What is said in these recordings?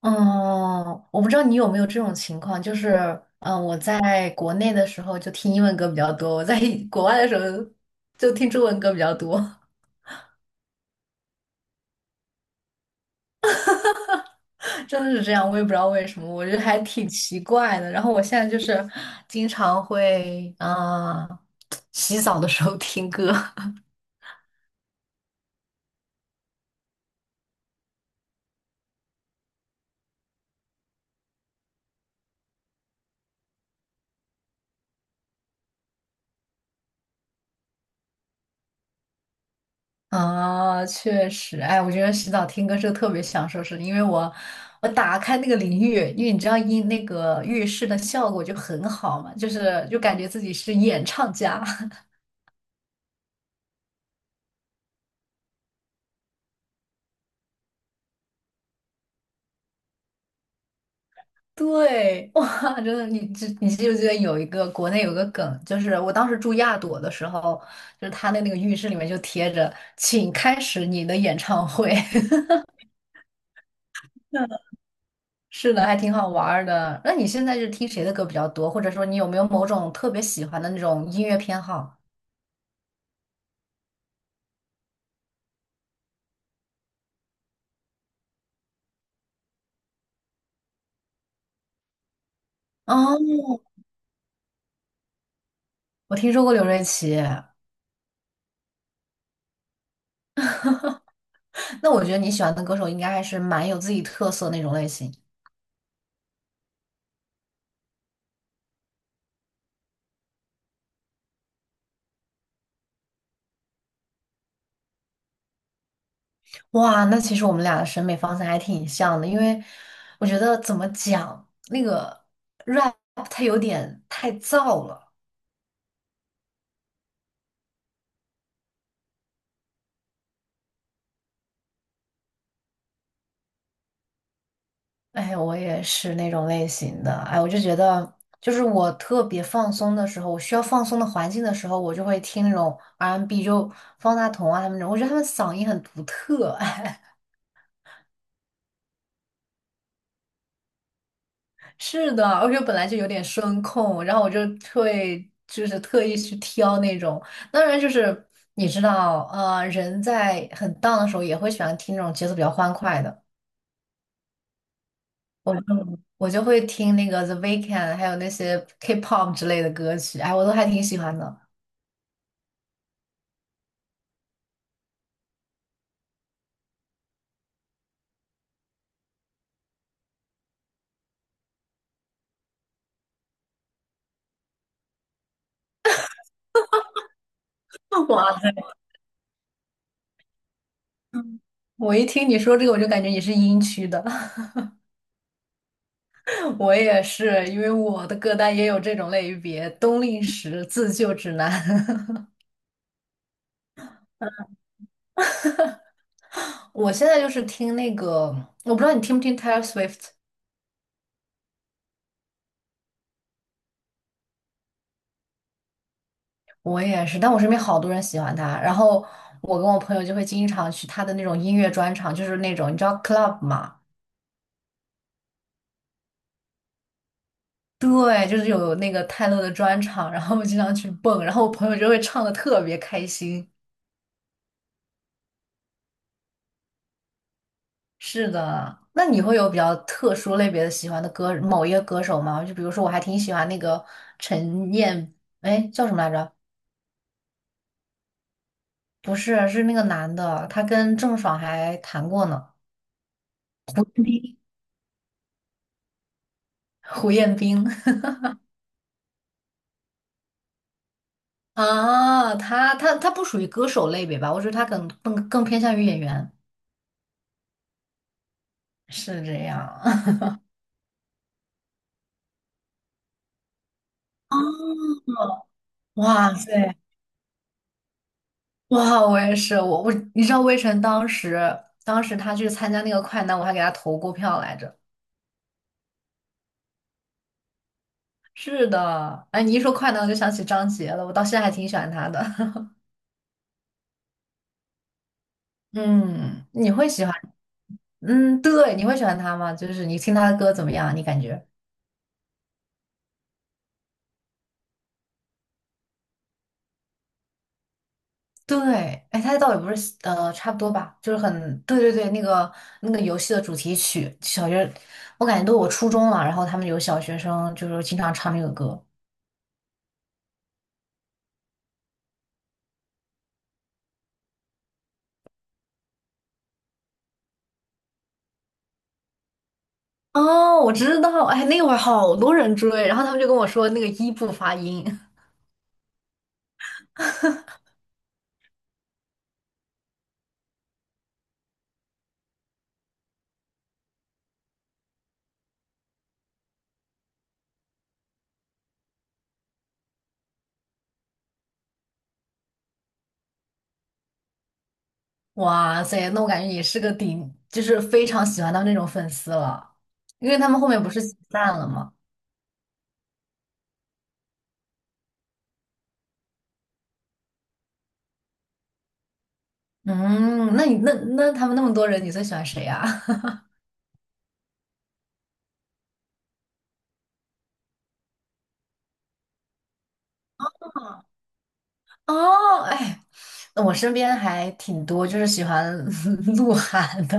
嗯，我不知道你有没有这种情况，就是，我在国内的时候就听英文歌比较多，我在国外的时候就听中文歌比较多，真的是这样，我也不知道为什么，我觉得还挺奇怪的。然后我现在就是经常会，洗澡的时候听歌。啊，确实，哎，我觉得洗澡听歌是特别享受是因为我打开那个淋浴，因为你知道那个浴室的效果就很好嘛，就是感觉自己是演唱家。对，哇，真的，你记不记得有一个国内有个梗，就是我当时住亚朵的时候，就是他的那个浴室里面就贴着"请开始你的演唱会"。是的，还挺好玩儿的。那你现在是听谁的歌比较多，或者说你有没有某种特别喜欢的那种音乐偏好？哦，我听说过刘瑞琦，那我觉得你喜欢的歌手应该还是蛮有自己特色那种类型。哇，那其实我们俩的审美方向还挺像的，因为我觉得怎么讲，那个 rap 它有点太燥了。哎，我也是那种类型的。哎，我就觉得，就是我特别放松的时候，我需要放松的环境的时候，我就会听那种 R&B,就方大同啊他们那种，我觉得他们嗓音很独特。是的，而且本来就有点声控，然后我就会就是特意去挑那种，当然就是你知道，人在很 down 的时候也会喜欢听那种节奏比较欢快的，我就我就会听那个 The Weeknd,还有那些 K-pop 之类的歌曲，哎，我都还挺喜欢的。哇塞，我一听你说这个，我就感觉你是音区的，我也是，因为我的歌单也有这种类别，冬令时、自救指南。我现在就是听那个，我不知道你听不听 Taylor Swift,我也是，但我身边好多人喜欢他，然后我跟我朋友就会经常去他的那种音乐专场，就是那种你知道 club 嘛，对，就是有那个泰勒的专场，然后我经常去蹦，然后我朋友就会唱的特别开心。是的，那你会有比较特殊类别的喜欢的歌，某一个歌手吗？就比如说我还挺喜欢那个陈燕，哎，叫什么来着？不是，是那个男的，他跟郑爽还谈过呢。胡彦斌。 啊，他不属于歌手类别吧？我觉得他更偏向于演员，是这样。哇塞，哇，我也是，我你知道魏晨当时他去参加那个快男，我还给他投过票来着。是的，哎，你一说快男，我就想起张杰了，我到现在还挺喜欢他的。嗯，你会喜欢？嗯，对，你会喜欢他吗？就是你听他的歌怎么样？你感觉？对，哎，他倒也不是差不多吧，就是很，对对对，那个游戏的主题曲，小学，我感觉都我初中了，然后他们有小学生就是经常唱那个歌，哦，我知道，哎，那会儿好多人追，然后他们就跟我说那个一不发音。哇塞，那我感觉也是个顶，就是非常喜欢他们那种粉丝了，因为他们后面不是解散了吗？嗯，那你那他们那么多人，你最喜欢谁呀?哦，哎，我身边还挺多，就是喜欢 鹿晗的。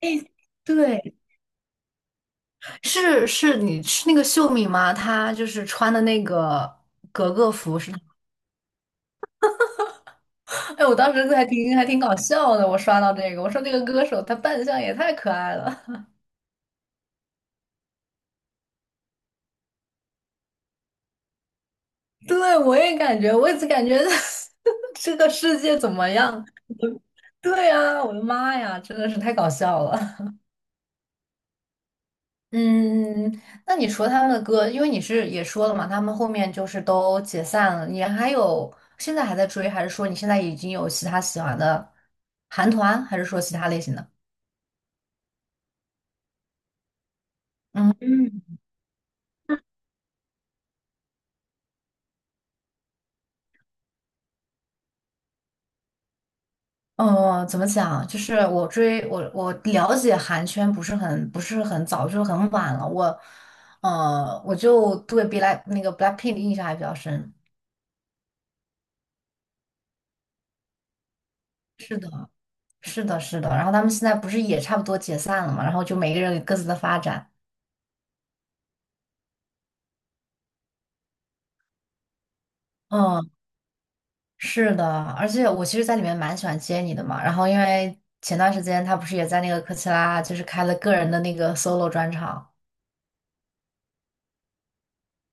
哎，对，是是，你是那个秀敏吗？她就是穿的那个格格服是吗？哎，我当时还挺搞笑的，我刷到这个，我说那个歌手他扮相也太可爱了。对，我也感觉，我也是感觉 这个世界怎么样？对呀，我的妈呀，真的是太搞笑了。嗯，嗯，那你除了他们的歌，因为你是也说了嘛，他们后面就是都解散了，你还有现在还在追，还是说你现在已经有其他喜欢的韩团，还是说其他类型的？嗯。嗯，怎么讲？就是我追我我了解韩圈不是很早，就是很晚了。我，我就对 那个 Blackpink 的印象还比较深。是的，是的，是的。然后他们现在不是也差不多解散了嘛？然后就每个人有各自的发展。嗯。是的，而且我其实在里面蛮喜欢接你的嘛。然后因为前段时间他不是也在那个科切拉，就是开了个人的那个 solo 专场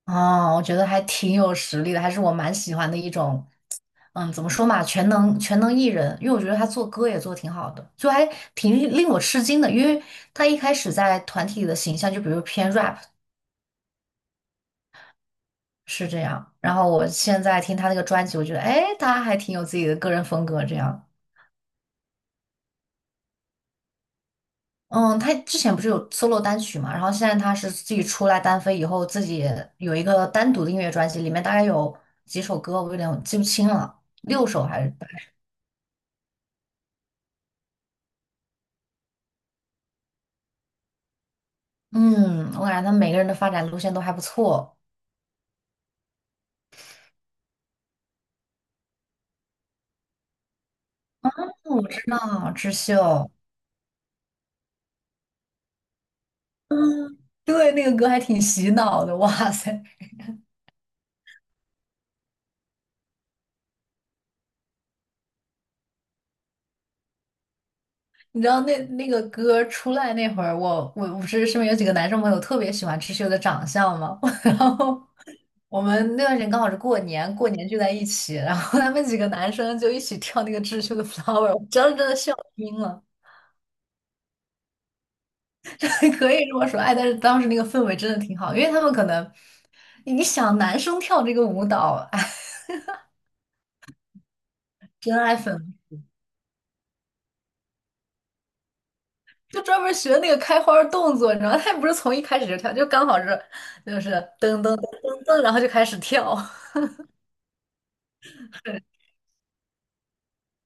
啊，我觉得还挺有实力的，还是我蛮喜欢的一种，嗯，怎么说嘛，全能艺人。因为我觉得他做歌也做挺好的，就还挺令我吃惊的，因为他一开始在团体里的形象就比如偏 rap 是这样，然后我现在听他那个专辑，我觉得哎，他还挺有自己的个人风格这样。嗯，他之前不是有 solo 单曲嘛，然后现在他是自己出来单飞以后，自己有一个单独的音乐专辑，里面大概有几首歌，我有点记不清了，六首还是八。嗯，我感觉他每个人的发展路线都还不错。嗯，我知道，智秀，对，那个歌还挺洗脑的，哇塞！你知道那个歌出来那会儿，我不是身边有几个男生朋友特别喜欢智秀的长相嘛，然后我们那段时间刚好是过年，过年聚在一起，然后他们几个男生就一起跳那个《智秀的 Flower》,我当时真的笑晕了，可以这么说，哎，但是当时那个氛围真的挺好，因为他们可能你想男生跳这个舞蹈，哎，真爱粉就专门学那个开花儿动作，你知道吗他也不是从一开始就跳，就刚好是就是噔噔噔噔噔，然后就开始跳，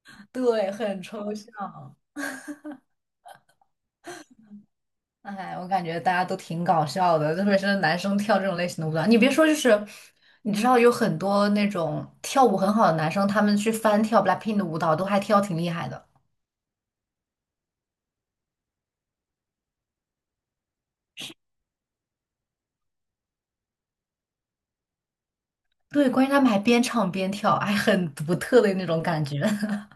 对，很抽象。哎，我感觉大家都挺搞笑的，特别是男生跳这种类型的舞蹈。你别说，就是你知道有很多那种跳舞很好的男生，他们去翻跳 BLACKPINK 的舞蹈，都还跳挺厉害的。对，关键他们还边唱边跳，还很独特的那种感觉。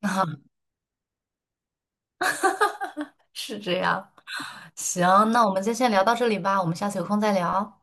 啊，是这样。行，那我们就先聊到这里吧，我们下次有空再聊。